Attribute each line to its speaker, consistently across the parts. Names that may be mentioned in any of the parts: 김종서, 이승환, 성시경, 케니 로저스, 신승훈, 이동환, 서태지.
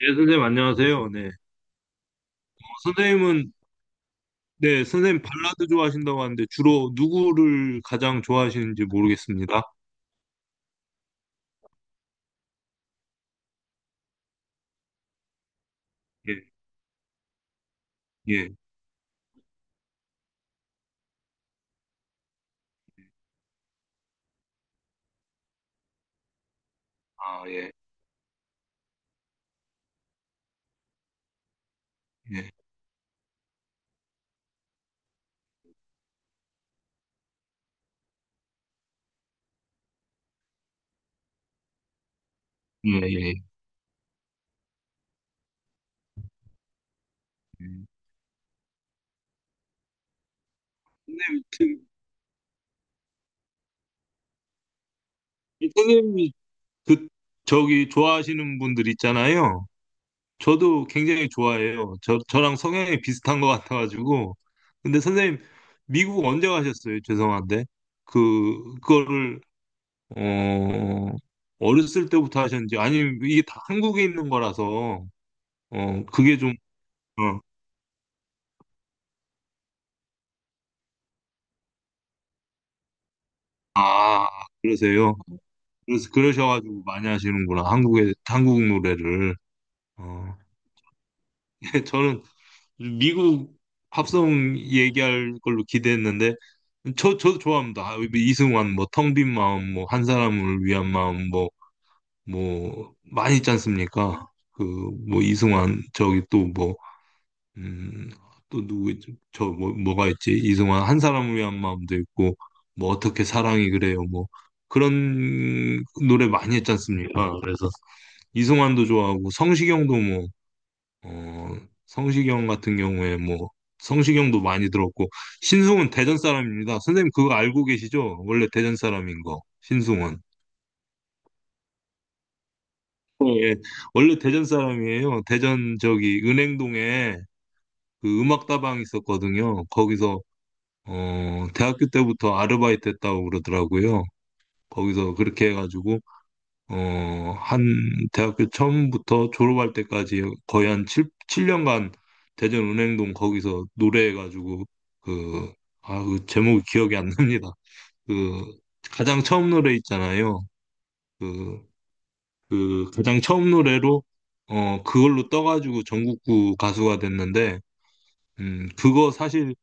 Speaker 1: 네, 선생님 안녕하세요. 네. 선생님은. 네, 선생님 발라드 좋아하신다고 하는데 주로 누구를 가장 좋아하시는지 모르겠습니다. 예. 예. 아, 예. 예. 예, 예. 예. 선생님, 그, 선생님이 그 저기 좋아하시는 분들 있잖아요. 저도 굉장히 좋아해요. 저랑 성향이 비슷한 것 같아 가지고. 근데 선생님 미국 언제 가셨어요? 죄송한데. 그 그거를 어, 어렸을 때부터 하셨는지, 아니면 이게 다 한국에 있는 거라서, 그게 좀, 어, 아, 그러세요. 그래서 그러셔가지고 많이 하시는구나. 한국의, 한국 노래를. 어, 저는 미국 팝송 얘기할 걸로 기대했는데, 저도 좋아합니다. 아, 뭐 이승환, 뭐, 텅빈 마음, 뭐, 한 사람을 위한 마음, 뭐, 뭐, 많이 있지 않습니까? 그, 뭐, 이승환, 저기 또 뭐, 음, 또 누구 있지? 저 뭐, 뭐가 있지? 이승환 한 사람을 위한 마음도 있고, 뭐 어떻게 사랑이 그래요, 뭐 그런 노래 많이 했지 않습니까? 그래서 이승환도 좋아하고 성시경도 뭐, 어, 성시경 같은 경우에 뭐, 성시경도 많이 들었고. 신승훈 대전 사람입니다. 선생님 그거 알고 계시죠? 원래 대전 사람인 거 신승훈. 예, 원래 대전 사람이에요. 대전 저기 은행동에 그 음악다방 있었거든요. 거기서 대학교 때부터 아르바이트 했다고 그러더라고요. 거기서 그렇게 해가지고, 어, 한, 대학교 처음부터 졸업할 때까지 거의 한 7, 칠년간 대전은행동 거기서 노래해가지고, 그, 아, 그 제목이 기억이 안 납니다. 그, 가장 처음 노래 있잖아요. 그, 그, 가장 처음 노래로, 그걸로 떠가지고 전국구 가수가 됐는데, 그거 사실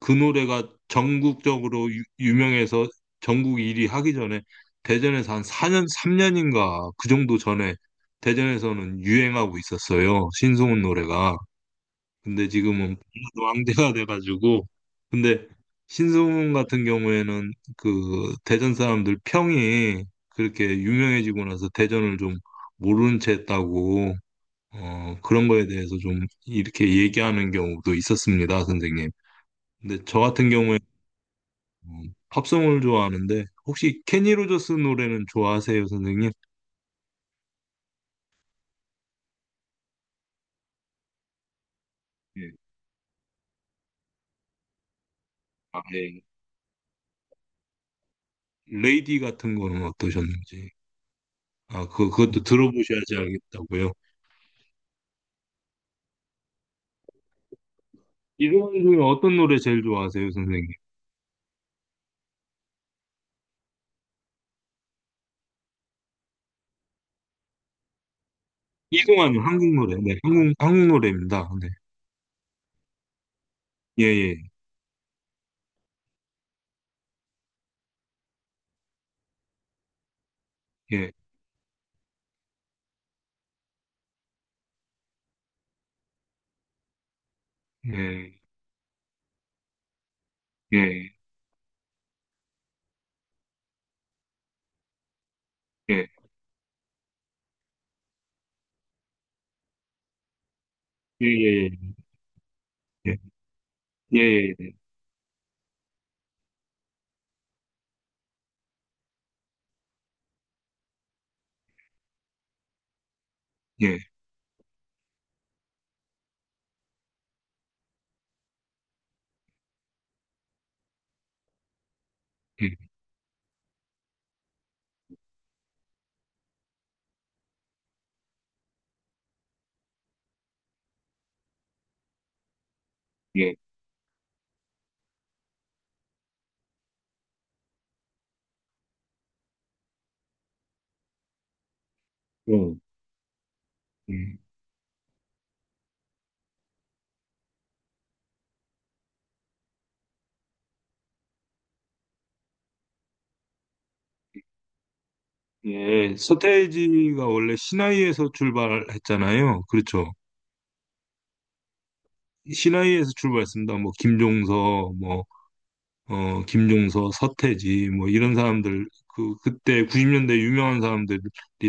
Speaker 1: 그 노래가 전국적으로 유명해서 전국 1위 하기 전에 대전에서 한 4년, 3년인가 그 정도 전에 대전에서는 유행하고 있었어요. 신승훈 노래가. 근데 지금은 발라드 왕대가 돼가지고. 근데 신승훈 같은 경우에는 그 대전 사람들 평이, 그렇게 유명해지고 나서 대전을 좀 모르는 채 했다고, 그런 거에 대해서 좀 이렇게 얘기하는 경우도 있었습니다, 선생님. 근데 저 같은 경우에 팝송을 좋아하는데, 혹시 케니 로저스 노래는 좋아하세요, 선생님? 예. 아, 예. 레이디 같은 거는 어떠셨는지. 아, 그 그것도 들어보셔야지 알겠다고요. 이동환 중에 어떤 노래 제일 좋아하세요, 선생님? 이동환은 한국 노래. 네, 한국 노래입니다. 네. 예, 예. 예. 예. 예. 예. 예. 예. 예. 예. 예. 예. 예. 예. 음, 음. 예, 서태지가 원래 신화위에서 출발했잖아요. 그렇죠. 신화위에서 출발했습니다. 뭐 김종서, 뭐, 김종서, 서태지, 뭐 이런 사람들, 그 그때 90년대 유명한 사람들이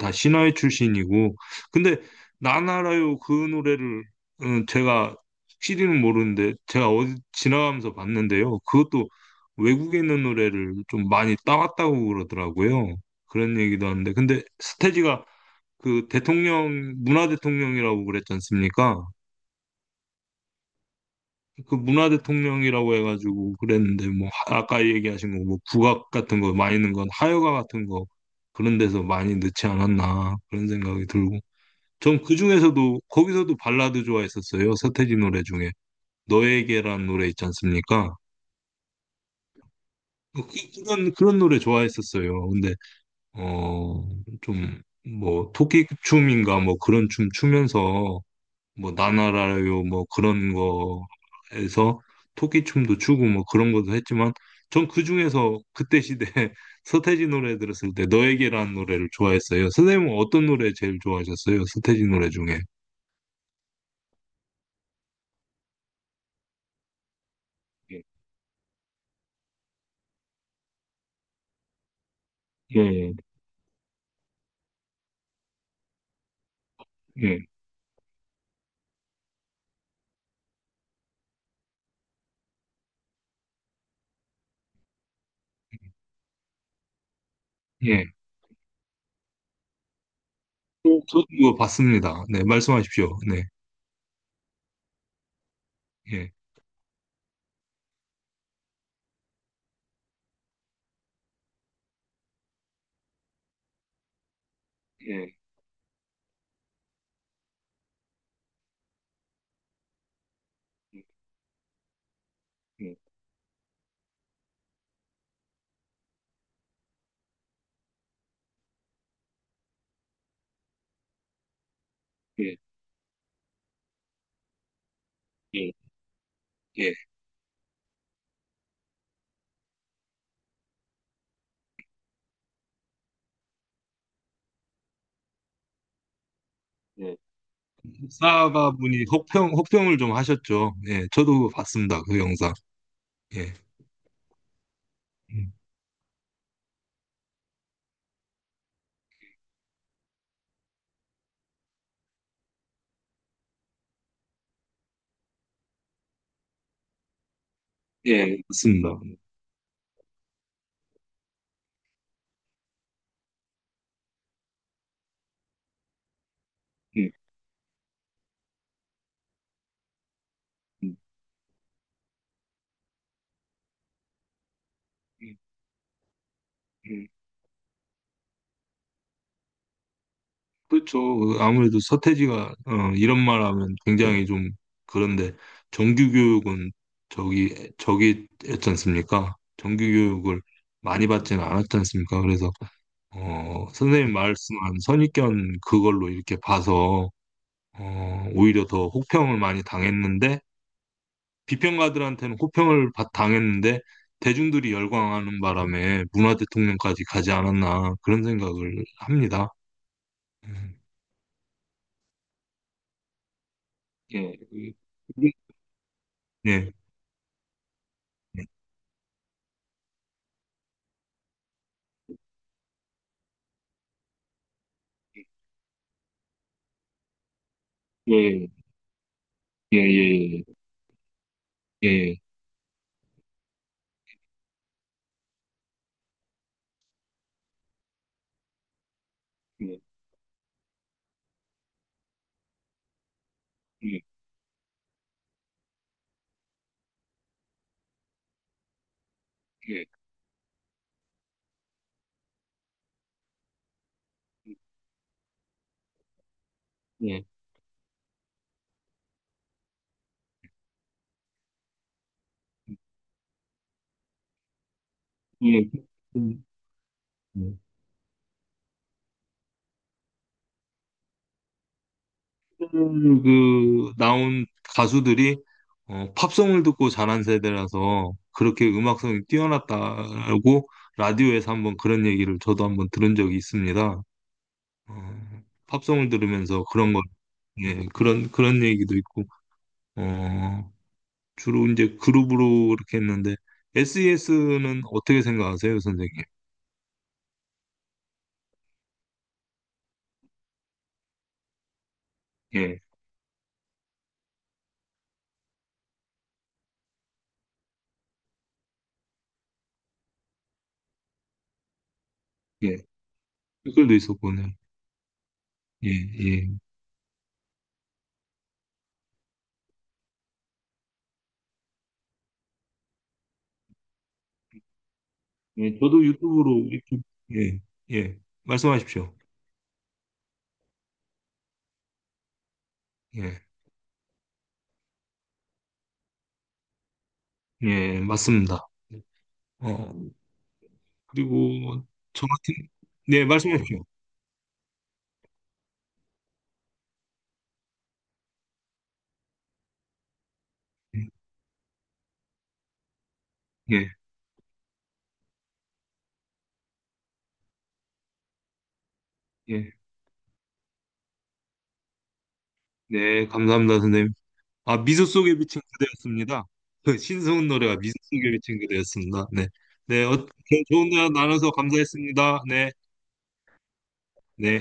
Speaker 1: 다 신화위 출신이고, 근데 나나라요 그 노래를, 제가 실히는 모르는데, 제가 어디 지나가면서 봤는데요. 그것도 외국에 있는 노래를 좀 많이 따왔다고 그러더라고요. 그런 얘기도 하는데, 근데 서태지가 그 대통령, 문화 대통령이라고 그랬지 않습니까? 그 문화 대통령이라고 해가지고 그랬는데, 뭐 아까 얘기하신 거 뭐 국악 같은 거 많이 넣은 건 하여가 같은 거, 그런 데서 많이 넣지 않았나 그런 생각이 들고. 전 그중에서도 거기서도 발라드 좋아했었어요. 서태지 노래 중에 너에게란 노래 있지 않습니까? 그- 그, 그런 그런 노래 좋아했었어요. 근데 어 좀, 뭐 토끼춤인가 뭐 그런 춤 추면서, 뭐 나나라요 뭐 그런 거에서 토끼춤도 추고 뭐 그런 것도 했지만, 전 그중에서 그때 시대 서태지 노래 들었을 때 너에게라는 노래를 좋아했어요. 선생님은 어떤 노래 제일 좋아하셨어요? 서태지 노래 중에. 예, 예, 예. 예. 저도 이거 봤습니다. 네, 말씀하십시오. 네. 예. 예. 예. 예. 예. 예. 예. 사가분이 혹평을 좀 하셨죠. 예. 저도 봤습니다. 그 영상. 예. 음, 습니다. 예. 음. 음, 그렇죠. 그 아무래도 서태지가 이런 말 하면 굉장히 좀 그런데, 정규 교육은 저기 저기 했지 않습니까? 정규 교육을 많이 받지는 않았지 않습니까? 그래서 선생님 말씀한 선입견 그걸로 이렇게 봐서 오히려 더 혹평을 많이 당했는데, 비평가들한테는 혹평을 당했는데, 대중들이 열광하는 바람에 문화 대통령까지 가지 않았나 그런 생각을 합니다. 음. 예, 그게- 네, 예, 예, 예, 예, 예, 예, 예, 예, 예, 예, 예. 음, 음. 그 나온 가수들이 팝송을 듣고 자란 세대라서 그렇게 음악성이 뛰어났다고, 라디오에서 한번 그런 얘기를 저도 한번 들은 적이 있습니다. 어, 팝송을 들으면서 그런 걸. 예, 그런 그런 얘기도 있고, 어, 주로 이제 그룹으로 이렇게 했는데, SES는 어떻게 생각하세요, 선생님? 예, 예. 댓글도 있었군요. 예, 예. 예, 저도 유튜브로 이렇게. 예, 예. 말씀하십시오. 예, 예, 맞습니다. 어, 그리고 저 같은. 네, 말씀하십시오. 예, 예. 네, 감사합니다, 선생님. 아, 미소 속에 비친 그대였습니다. 그 신승훈 노래가 미소 속에 비친 그대였습니다. 네. 네, 좋은 대화 나눠서 감사했습니다. 네, 네.